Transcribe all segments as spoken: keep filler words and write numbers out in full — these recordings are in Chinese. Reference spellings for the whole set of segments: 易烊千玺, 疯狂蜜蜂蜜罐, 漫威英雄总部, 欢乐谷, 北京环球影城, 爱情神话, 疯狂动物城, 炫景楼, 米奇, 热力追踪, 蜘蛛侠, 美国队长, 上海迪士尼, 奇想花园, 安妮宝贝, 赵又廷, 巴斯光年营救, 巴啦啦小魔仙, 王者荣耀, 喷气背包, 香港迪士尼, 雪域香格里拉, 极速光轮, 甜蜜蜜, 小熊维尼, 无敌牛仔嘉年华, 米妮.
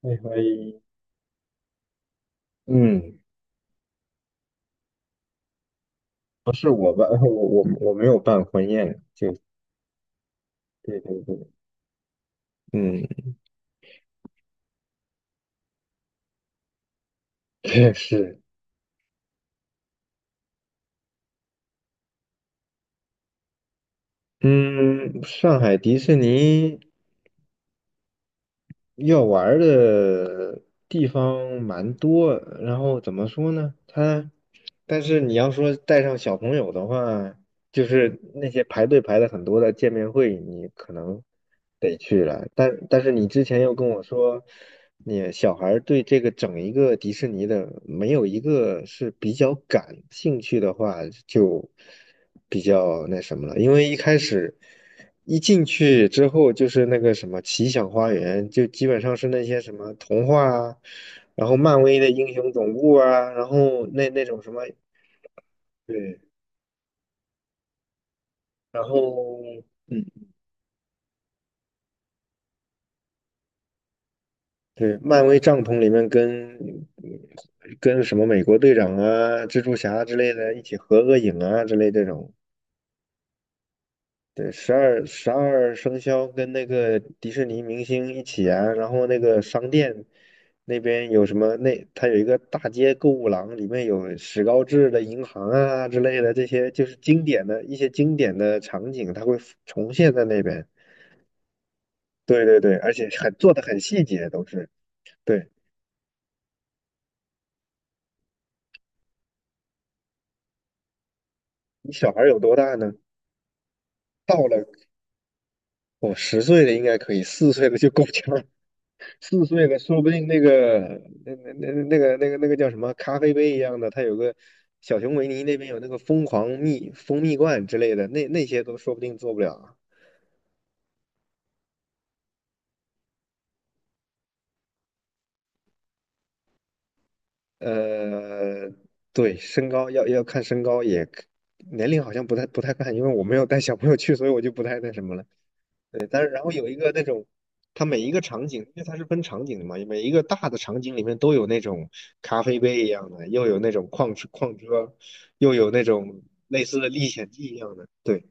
那所嗯，不是我办，我我我没有办婚宴，就对对对。嗯，确实。嗯，上海迪士尼要玩儿的地方蛮多，然后怎么说呢？它，但是你要说带上小朋友的话，就是那些排队排的很多的见面会，你可能得去了，但但是你之前又跟我说。你小孩儿对这个整一个迪士尼的没有一个是比较感兴趣的话，就比较那什么了。因为一开始一进去之后，就是那个什么奇想花园，就基本上是那些什么童话啊，然后漫威的英雄总部啊，然后那那种什么。对，然后嗯，对，漫威帐篷里面跟跟什么美国队长啊、蜘蛛侠之类的一起合个影啊之类这种。对，十二十二生肖跟那个迪士尼明星一起啊，然后那个商店那边有什么？那它有一个大街购物廊，里面有史高治的银行啊之类的，这些就是经典的，一些经典的场景，它会重现在那边。对对对，而且很做的很细节，都是。对，你小孩有多大呢？到了，我十岁的应该可以，四岁的就够呛。四岁的，说不定那个那那那那个那个那个叫什么咖啡杯一样的，它有个小熊维尼那边有那个疯狂蜜蜂蜜罐之类的，那那些都说不定做不了啊。呃，对，身高要要看身高也，年龄好像不太不太看，因为我没有带小朋友去，所以我就不太那什么了。但是然后有一个那种，它每一个场景，因为它是分场景的嘛，每一个大的场景里面都有那种咖啡杯一样的，又有那种矿车矿车，又有那种类似的历险记一样的。对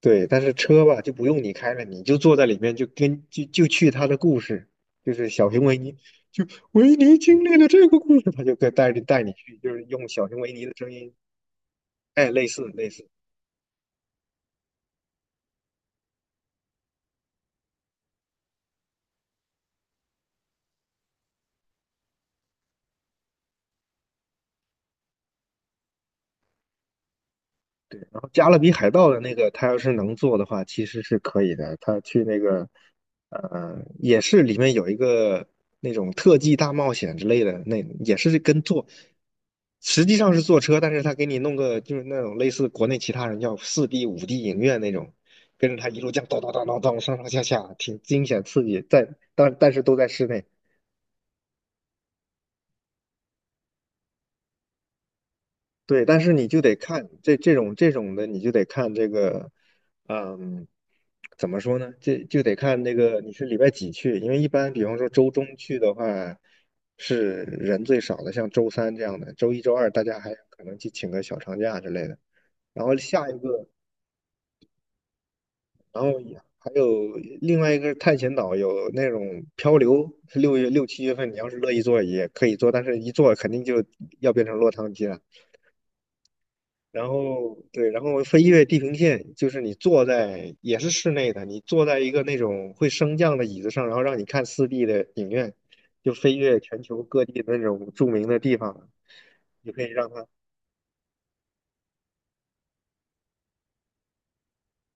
对。但是车吧就不用你开了，你就坐在里面就跟就就去它的故事，就是小熊维尼，就维尼经历了这个故事，他就可以带着带你去，就是用小熊维尼的声音。哎，类似类似。然后加勒比海盗的那个，他要是能做的话，其实是可以的。他去那个，呃，也是里面有一个那种特技大冒险之类的，那也是跟坐，实际上是坐车，但是他给你弄个就是那种类似国内其他人叫四 D、五 D 影院那种，跟着他一路这样咚咚咚咚咚上上下下，挺惊险刺激。在但但是都在室内。对，但是你就得看这这种这种的，你就得看这个。嗯，怎么说呢？这就得看那个你是礼拜几去，因为一般比方说周中去的话是人最少的，像周三这样的，周一周二大家还可能去请个小长假之类的。然后下一个，然后也还有另外一个是探险岛有那种漂流，是六月六七月份，你要是乐意做也可以做，但是一做肯定就要变成落汤鸡了。然后对，然后飞越地平线，就是你坐在也是室内的，你坐在一个那种会升降的椅子上，然后让你看四 d 的影院，就飞越全球各地的那种著名的地方。你可以让它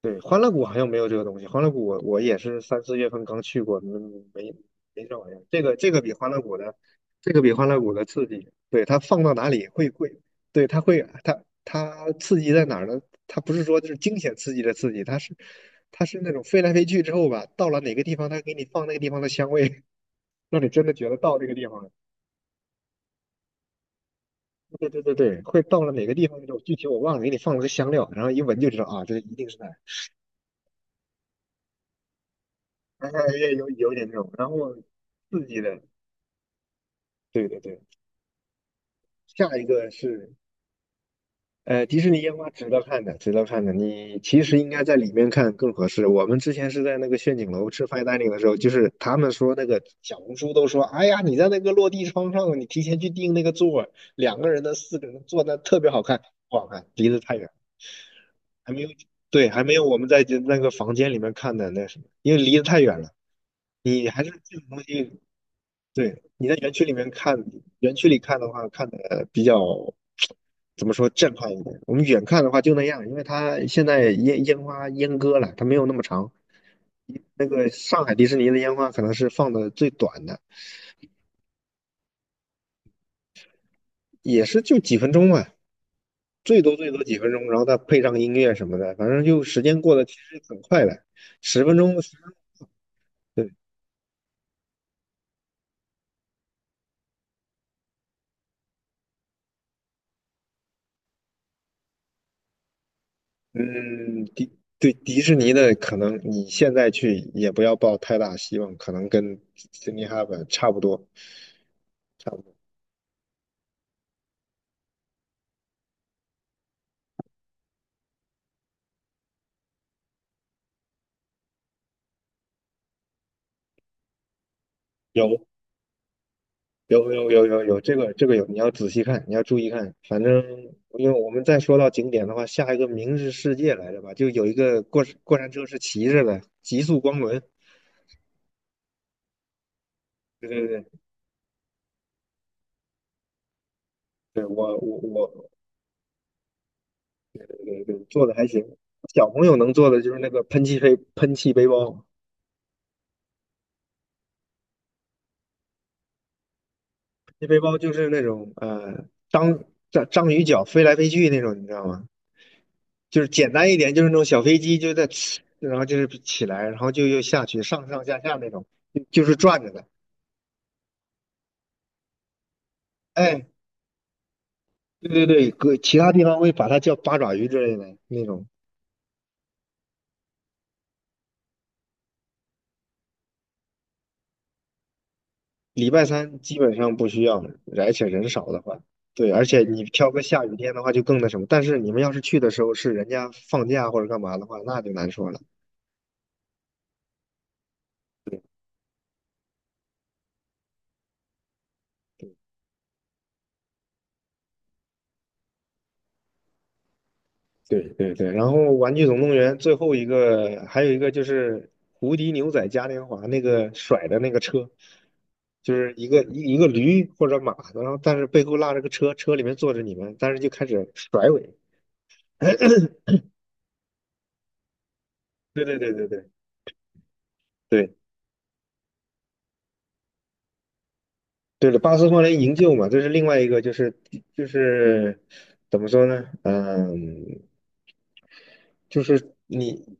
对，欢乐谷好像没有这个东西。欢乐谷我我也是三四月份刚去过，没没没这玩意儿。这个这个比欢乐谷的，这个比欢乐谷的刺激。对，它放到哪里会会，对，它会它它刺激在哪儿呢？它不是说就是惊险刺激的刺激，它是它是那种飞来飞去之后吧，到了哪个地方，它给你放那个地方的香味，让你真的觉得到这个地方了。对对对对，会到了哪个地方那种，具体我忘了，给你放了个香料，然后一闻就知道啊，这一定是那儿。哎，也有有点那种，然后刺激的。对对对，下一个是呃，迪士尼烟花值得看的，值得看的。你其实应该在里面看更合适。我们之前是在那个炫景楼吃 fine dining 的时候，就是他们说那个小红书都说，哎呀，你在那个落地窗上，你提前去订那个座儿，两个人的、四个人的坐那特别好看，不好看，离得太远，还没有。对，还没有我们在那个房间里面看的那什么，因为离得太远了。你还是这种东西，对，你在园区里面看，园区里看的话，看的比较怎么说震撼一点。我们远看的话就那样，因为它现在烟烟花阉割了，它没有那么长。那个上海迪士尼的烟花可能是放的最短的，也是就几分钟嘛，最多最多几分钟，然后再配上音乐什么的，反正就时间过得其实很快的，十分钟。十。对，嗯，迪对迪士尼的可能你现在去也不要抱太大希望，可能跟 s y d n 差不多。差不多有有有有有有这个这个有，你要仔细看，你要注意看。反正因为我们再说到景点的话，下一个明日世界来着吧，就有一个过过山车是骑着的，极速光轮。对对对对，我我我对对做的还行。小朋友能做的就是那个喷气飞喷气背包。喷气背包就是那种呃章章章鱼脚飞来飞去那种，你知道吗？就是简单一点，就是那种小飞机，就在，然后就是起来，然后就又下去，上上下下那种，就就是转着的。哎，对对对，搁其他地方会把它叫八爪鱼之类的那种。礼拜三基本上不需要，而且人少的话，对，而且你挑个下雨天的话就更那什么。但是你们要是去的时候是人家放假或者干嘛的话，那就难说了。对对对，然后《玩具总动员》最后一个还有一个就是无敌牛仔嘉年华那个甩的那个车，就是一个一一个驴或者马，然后但是背后拉着个车，车里面坐着你们，但是就开始甩尾。对对对对对对，对了，巴斯光年营救嘛，这是另外一个，就是就是怎么说呢？嗯，就是你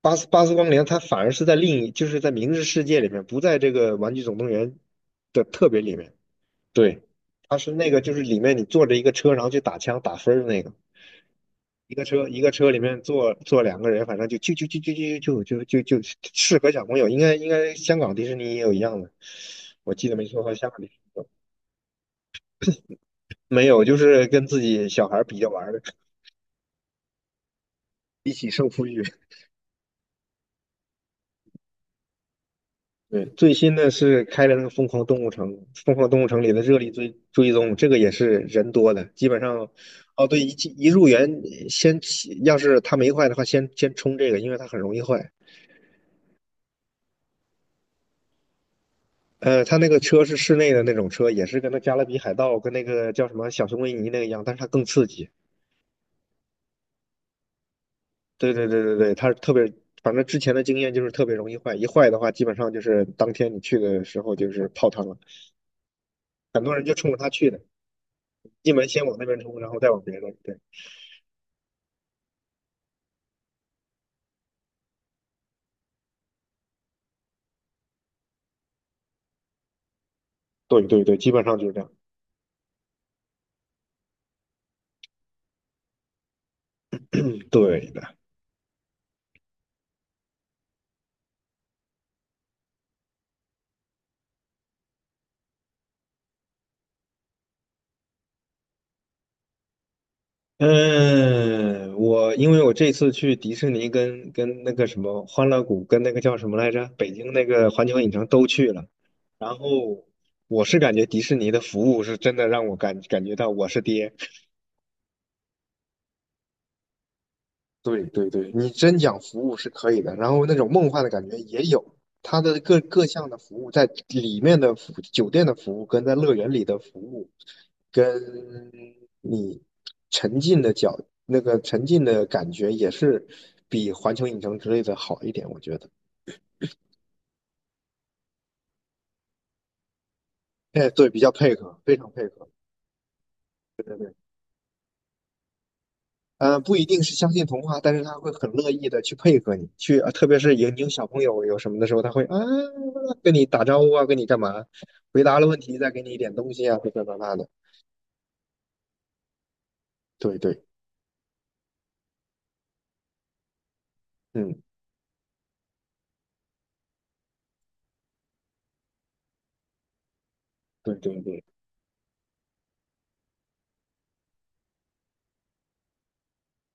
巴斯巴斯光年，它反而是在另一，就是在明日世界里面，不在这个《玩具总动员》的特别里面。对，它是那个，就是里面你坐着一个车，然后去打枪打分儿的那个，一个车一个车里面坐坐两个人，反正就就就就就就就就就就适合小朋友。应该应该香港迪士尼也有一样的，我记得没错，和香港迪士尼没有，就是跟自己小孩儿比着玩儿的，一起胜负欲。对，最新的是开了那个疯狂动物城《疯狂动物城》，《里的热力追追踪》，这个也是人多的，基本上。哦，对，一进一入园先起要是它没坏的话，先先冲这个，因为它很容易坏。呃，它那个车是室内的那种车，也是跟那《加勒比海盗》跟那个叫什么《小熊维尼》那个一样，但是它更刺激。对对对对对，它特别，反正之前的经验就是特别容易坏，一坏的话，基本上就是当天你去的时候就是泡汤了。很多人就冲着它去的，进门先往那边冲，然后再往别的。对。对对对，基本上就是这样。对的。嗯，我因为我这次去迪士尼跟跟那个什么欢乐谷跟那个叫什么来着，北京那个环球影城都去了，然后我是感觉迪士尼的服务是真的让我感感觉到我是爹。对对对，你真讲服务是可以的，然后那种梦幻的感觉也有。它的各各项的服务，在里面的服酒店的服务，跟在乐园里的服务，跟你沉浸的角那个沉浸的感觉，也是比环球影城之类的好一点，我觉得。哎，对，比较配合，非常配合。对对对。呃，不一定是相信童话，但是他会很乐意的去配合你，去，呃特别是有你有小朋友有什么的时候，他会啊跟你打招呼啊，跟你干嘛，回答了问题再给你一点东西啊，这这那那的。对对。嗯，对对对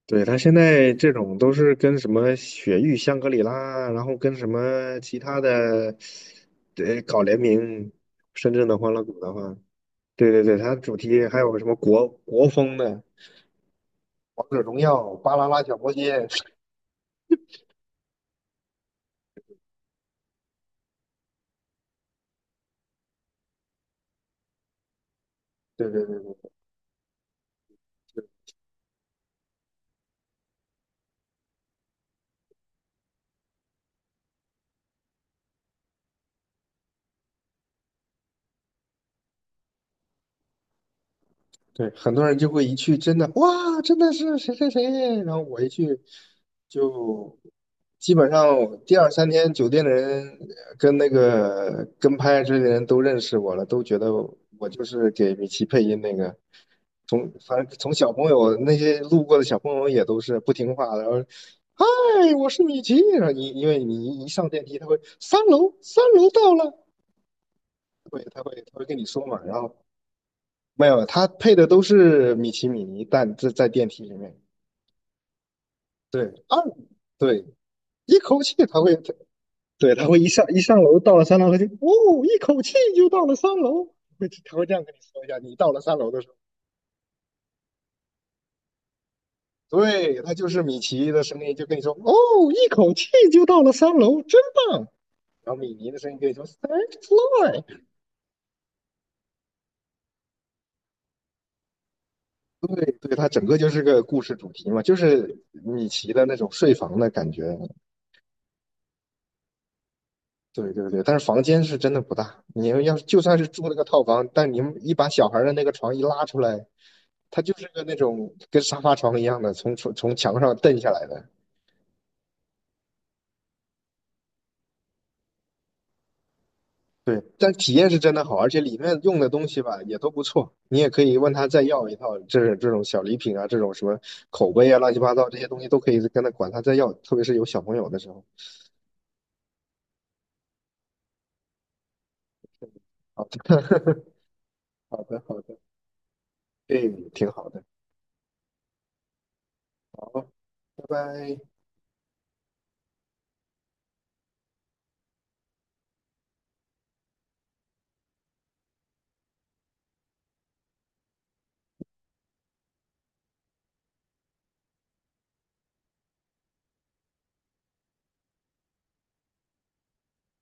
对，他现在这种都是跟什么雪域香格里拉，然后跟什么其他的，对，搞联名。深圳的欢乐谷的话，对对对，它主题还有什么国国风的。王者荣耀、巴啦啦小魔仙，对对对对，对，很多人就会一去真的哇，真的是谁谁谁，然后我一去就基本上第二三天酒店的人呃跟那个跟拍之类的人都认识我了，都觉得我就是给米奇配音那个。从反正从小朋友那些路过的小朋友也都是不听话的，然后嗨，我是米奇。然后你因为你一上电梯，他会三楼三楼到了。对，他会他会跟你说嘛。然后没有，它配的都是米奇米妮但这在电梯里面。对，二，对，一口气它会，对，它会一上一上楼，到了三楼，它就哦，一口气就到了三楼，会它会这样跟你说一下，你到了三楼的时候。对，它就是米奇的声音，就跟你说哦，一口气就到了三楼，真棒。然后米妮的声音跟你说 Thanks, Floyd。对，对，它整个就是个故事主题嘛，就是米奇的那种睡房的感觉。对对对，但是房间是真的不大。你们要是就算是住那个套房，但你们一把小孩儿的那个床一拉出来，它就是个那种跟沙发床一样的，从从从墙上蹬下来的。对，但体验是真的好，而且里面用的东西吧也都不错。你也可以问他再要一套，这这种小礼品啊，这种什么口碑啊，乱七八糟这些东西都可以跟他管他再要，特别是有小朋友的时候。好的，好的，好的，对，挺好的。好，拜拜。